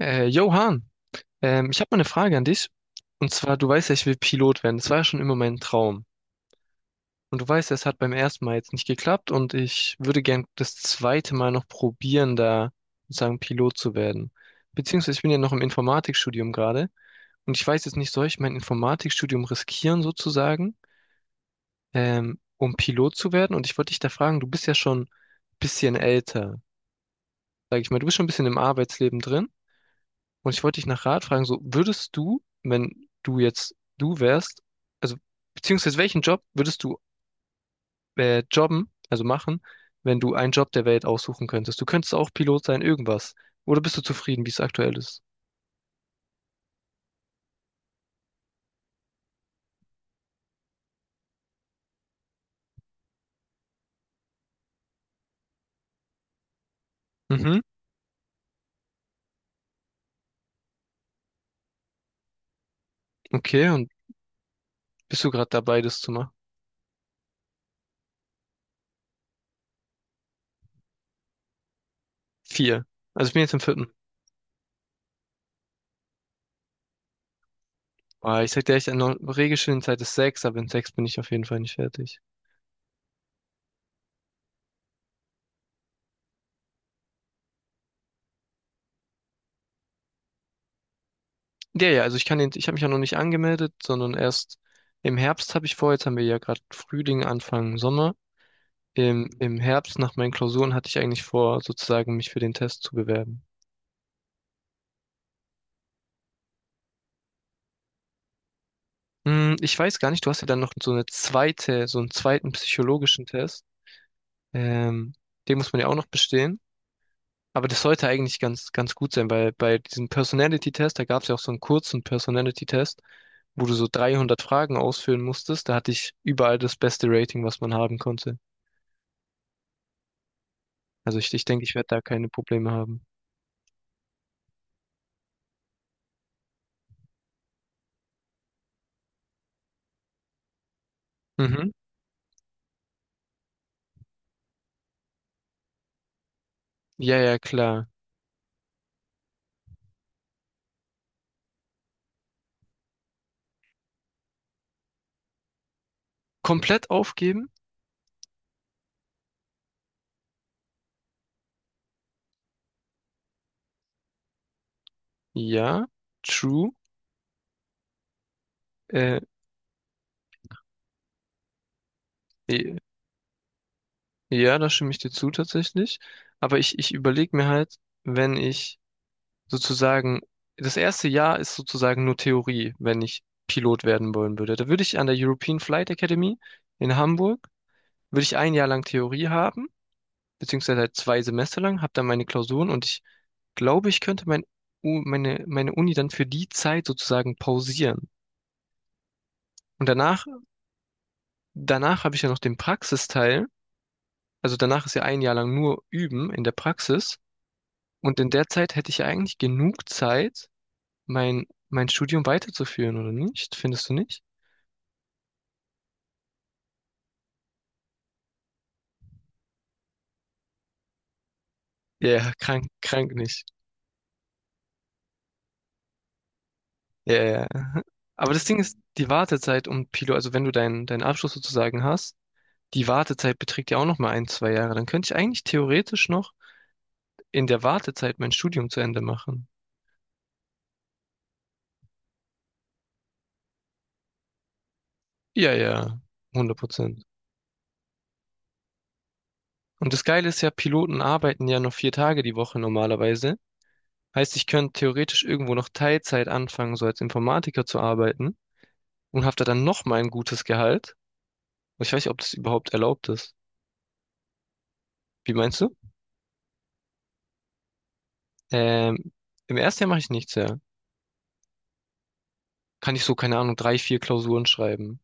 Johann, ich habe mal eine Frage an dich. Und zwar, du weißt ja, ich will Pilot werden. Das war ja schon immer mein Traum. Und du weißt ja, es hat beim ersten Mal jetzt nicht geklappt und ich würde gern das zweite Mal noch probieren, da sozusagen Pilot zu werden. Beziehungsweise ich bin ja noch im Informatikstudium gerade und ich weiß jetzt nicht, soll ich mein Informatikstudium riskieren sozusagen, um Pilot zu werden? Und ich wollte dich da fragen, du bist ja schon ein bisschen älter, sag ich mal, du bist schon ein bisschen im Arbeitsleben drin. Und ich wollte dich nach Rat fragen, so würdest du, wenn du jetzt du wärst, also beziehungsweise welchen Job würdest du jobben, also machen, wenn du einen Job der Welt aussuchen könntest? Du könntest auch Pilot sein, irgendwas. Oder bist du zufrieden, wie es aktuell ist? Mhm. Okay, und bist du gerade dabei, das zu machen? Vier. Also ich bin jetzt im vierten. Boah, ich sag dir echt, eine Regelstudienzeit ist sechs, aber in sechs bin ich auf jeden Fall nicht fertig. Ja, ja, also ich kann den, ich habe mich ja noch nicht angemeldet, sondern erst im Herbst habe ich vor, jetzt haben wir ja gerade Frühling, Anfang Sommer. Im Herbst nach meinen Klausuren hatte ich eigentlich vor, sozusagen mich für den Test zu bewerben. Ich weiß gar nicht, du hast ja dann noch so eine zweite, so einen zweiten psychologischen Test. Ähm, Den muss man ja auch noch bestehen. Aber das sollte eigentlich ganz, ganz gut sein, weil bei diesem Personality-Test, da gab es ja auch so einen kurzen Personality-Test, wo du so 300 Fragen ausfüllen musstest. Da hatte ich überall das beste Rating, was man haben konnte. Also ich denke, ich werde da keine Probleme haben. Mhm. Ja, ja, klar. Komplett aufgeben? Ja. True. Äh, i- ja, da stimme ich dir zu tatsächlich. Aber ich überlege mir halt, wenn ich sozusagen, das erste Jahr ist sozusagen nur Theorie, wenn ich Pilot werden wollen würde. Da würde ich an der European Flight Academy in Hamburg, würde ich ein Jahr lang Theorie haben, beziehungsweise halt 2 Semester lang, habe dann meine Klausuren und ich glaube, ich könnte meine Uni dann für die Zeit sozusagen pausieren. Und danach habe ich ja noch den Praxisteil. Also danach ist ja ein Jahr lang nur Üben in der Praxis. Und in der Zeit hätte ich ja eigentlich genug Zeit, mein Studium weiterzuführen, oder nicht? Findest du nicht? Ja, ja, krank, krank nicht. Ja, ja, ja. Aber das Ding ist, die Wartezeit also wenn du deinen Abschluss sozusagen hast, die Wartezeit beträgt ja auch noch mal ein, zwei Jahre. Dann könnte ich eigentlich theoretisch noch in der Wartezeit mein Studium zu Ende machen. Ja, ja, 100%. Und das Geile ist ja, Piloten arbeiten ja noch 4 Tage die Woche normalerweise. Heißt, ich könnte theoretisch irgendwo noch Teilzeit anfangen, so als Informatiker zu arbeiten, und haftet dann nochmal ein gutes Gehalt. Und ich weiß nicht, ob das überhaupt erlaubt ist. Wie meinst du? Ähm, Im ersten Jahr mache ich nichts, ja. Kann ich so, keine Ahnung, drei, vier Klausuren schreiben.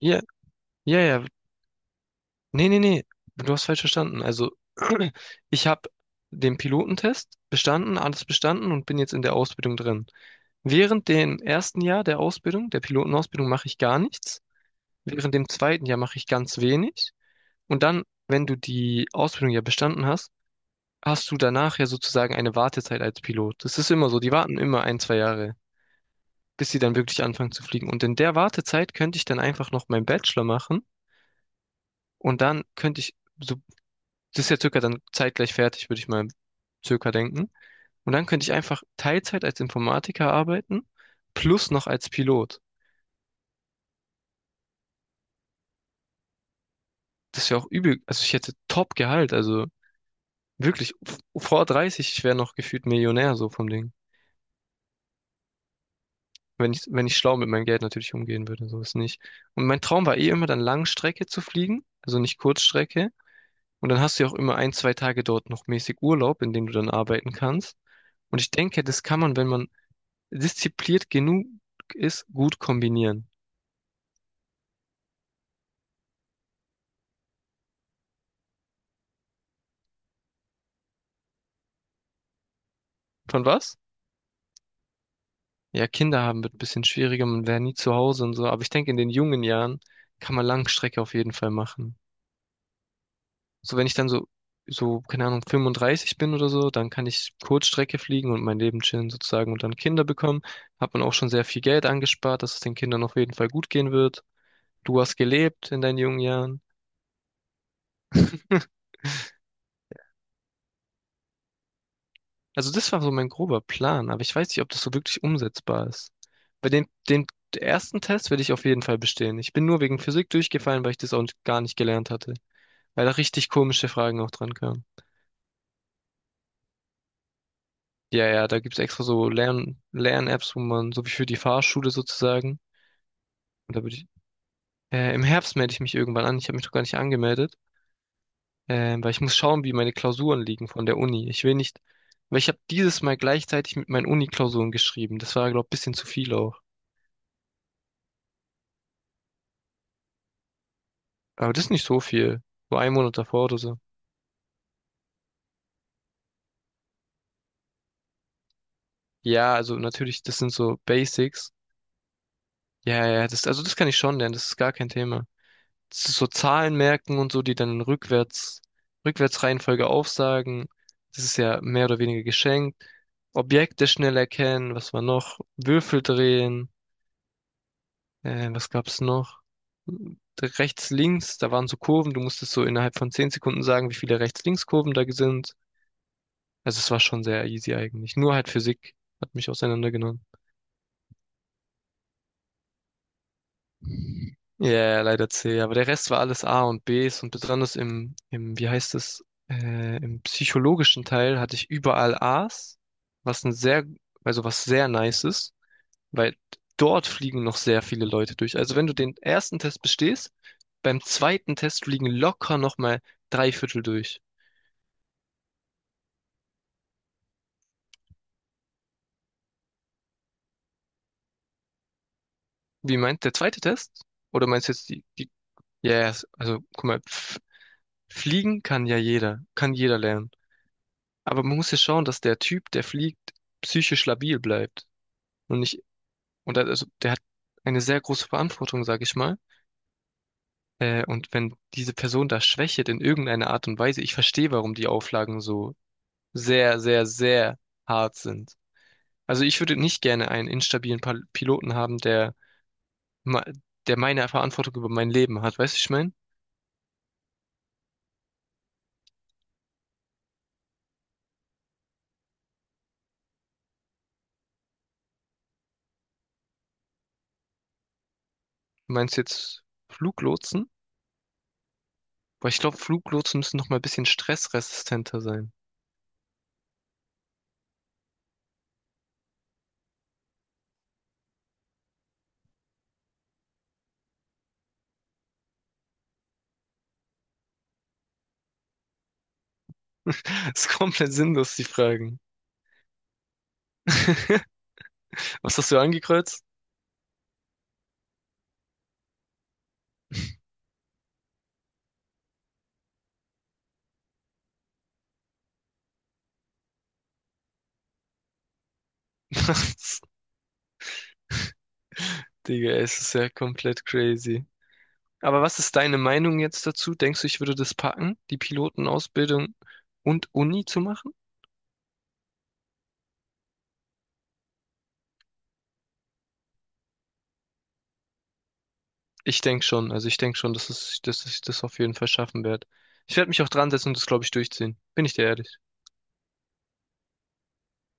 Ja, ja, ja. Nee, nee, nee. Du hast falsch verstanden. Also, ich habe den Pilotentest bestanden, alles bestanden und bin jetzt in der Ausbildung drin. Während dem ersten Jahr der Ausbildung, der Pilotenausbildung, mache ich gar nichts. Während dem zweiten Jahr mache ich ganz wenig. Und dann, wenn du die Ausbildung ja bestanden hast, hast du danach ja sozusagen eine Wartezeit als Pilot. Das ist immer so, die warten immer ein, zwei Jahre, bis sie dann wirklich anfangen zu fliegen. Und in der Wartezeit könnte ich dann einfach noch meinen Bachelor machen und dann könnte ich, so, das ist ja circa dann zeitgleich fertig, würde ich mal circa denken. Und dann könnte ich einfach Teilzeit als Informatiker arbeiten, plus noch als Pilot. Das ist ja auch übel, also ich hätte Top-Gehalt, also wirklich, vor 30, ich wäre noch gefühlt Millionär so vom Ding. Wenn ich schlau mit meinem Geld natürlich umgehen würde, so ist nicht. Und mein Traum war eh immer dann Langstrecke zu fliegen, also nicht Kurzstrecke. Und dann hast du ja auch immer ein, zwei Tage dort noch mäßig Urlaub, in dem du dann arbeiten kannst. Und ich denke, das kann man, wenn man diszipliniert genug ist, gut kombinieren. Von was? Ja, Kinder haben wird ein bisschen schwieriger, man wäre nie zu Hause und so. Aber ich denke, in den jungen Jahren kann man Langstrecke auf jeden Fall machen. So, wenn ich dann keine Ahnung, 35 bin oder so, dann kann ich Kurzstrecke fliegen und mein Leben chillen sozusagen und dann Kinder bekommen. Hat man auch schon sehr viel Geld angespart, dass es den Kindern auf jeden Fall gut gehen wird. Du hast gelebt in deinen jungen Jahren. Also das war so mein grober Plan, aber ich weiß nicht, ob das so wirklich umsetzbar ist. Bei dem ersten Test werde ich auf jeden Fall bestehen. Ich bin nur wegen Physik durchgefallen, weil ich das auch gar nicht gelernt hatte. Weil da richtig komische Fragen auch dran kamen. Ja, ja, da gibt's extra so Lern-Apps, wo man, so wie für die Fahrschule sozusagen. Und da würde ich, im Herbst melde ich mich irgendwann an. Ich habe mich noch gar nicht angemeldet, weil ich muss schauen, wie meine Klausuren liegen von der Uni. Ich will nicht, weil ich habe dieses Mal gleichzeitig mit meinen Uni-Klausuren geschrieben. Das war, glaube ich, ein bisschen zu viel auch. Aber das ist nicht so viel. So ein Monat davor oder so. Ja, also natürlich, das sind so Basics. Ja, ja, das, also das kann ich schon lernen. Das ist gar kein Thema. So Zahlen merken und so, die dann rückwärts, Rückwärtsreihenfolge aufsagen. Das ist ja mehr oder weniger geschenkt. Objekte schnell erkennen, was war noch? Würfel drehen, was gab's noch? Rechts, links, da waren so Kurven, du musstest so innerhalb von 10 Sekunden sagen, wie viele Rechts-Links-Kurven da sind. Also es war schon sehr easy eigentlich. Nur halt Physik hat mich auseinandergenommen. Ja, ja, leider C, aber der Rest war alles A und Bs und besonders im, im, wie heißt es, im psychologischen Teil hatte ich überall As, was ein sehr, also was sehr nice ist, weil dort fliegen noch sehr viele Leute durch. Also wenn du den ersten Test bestehst, beim zweiten Test fliegen locker nochmal drei Viertel durch. Wie meint der zweite Test? Oder meinst du jetzt ja, yes, also guck mal, fliegen kann ja jeder, kann jeder lernen. Aber man muss ja schauen, dass der Typ, der fliegt, psychisch labil bleibt. Und nicht, und also, der hat eine sehr große Verantwortung, sag ich mal. Und wenn diese Person da schwächelt in irgendeiner Art und Weise, ich verstehe, warum die Auflagen so sehr, sehr, sehr hart sind. Also ich würde nicht gerne einen instabilen Piloten haben, der, ma- der meine Verantwortung über mein Leben hat. Weißt du, ich meine? Du meinst jetzt Fluglotsen? Weil ich glaube, Fluglotsen müssen noch mal ein bisschen stressresistenter sein. Das ist komplett sinnlos, die Fragen. Was hast du angekreuzt? Digga, es ist ja komplett crazy. Aber was ist deine Meinung jetzt dazu? Denkst du, ich würde das packen, die Pilotenausbildung und Uni zu machen? Ich denke schon. Also ich denke schon, dass es, dass ich das auf jeden Fall schaffen werde. Ich werde mich auch dran setzen und das, glaube ich, durchziehen. Bin ich dir ehrlich.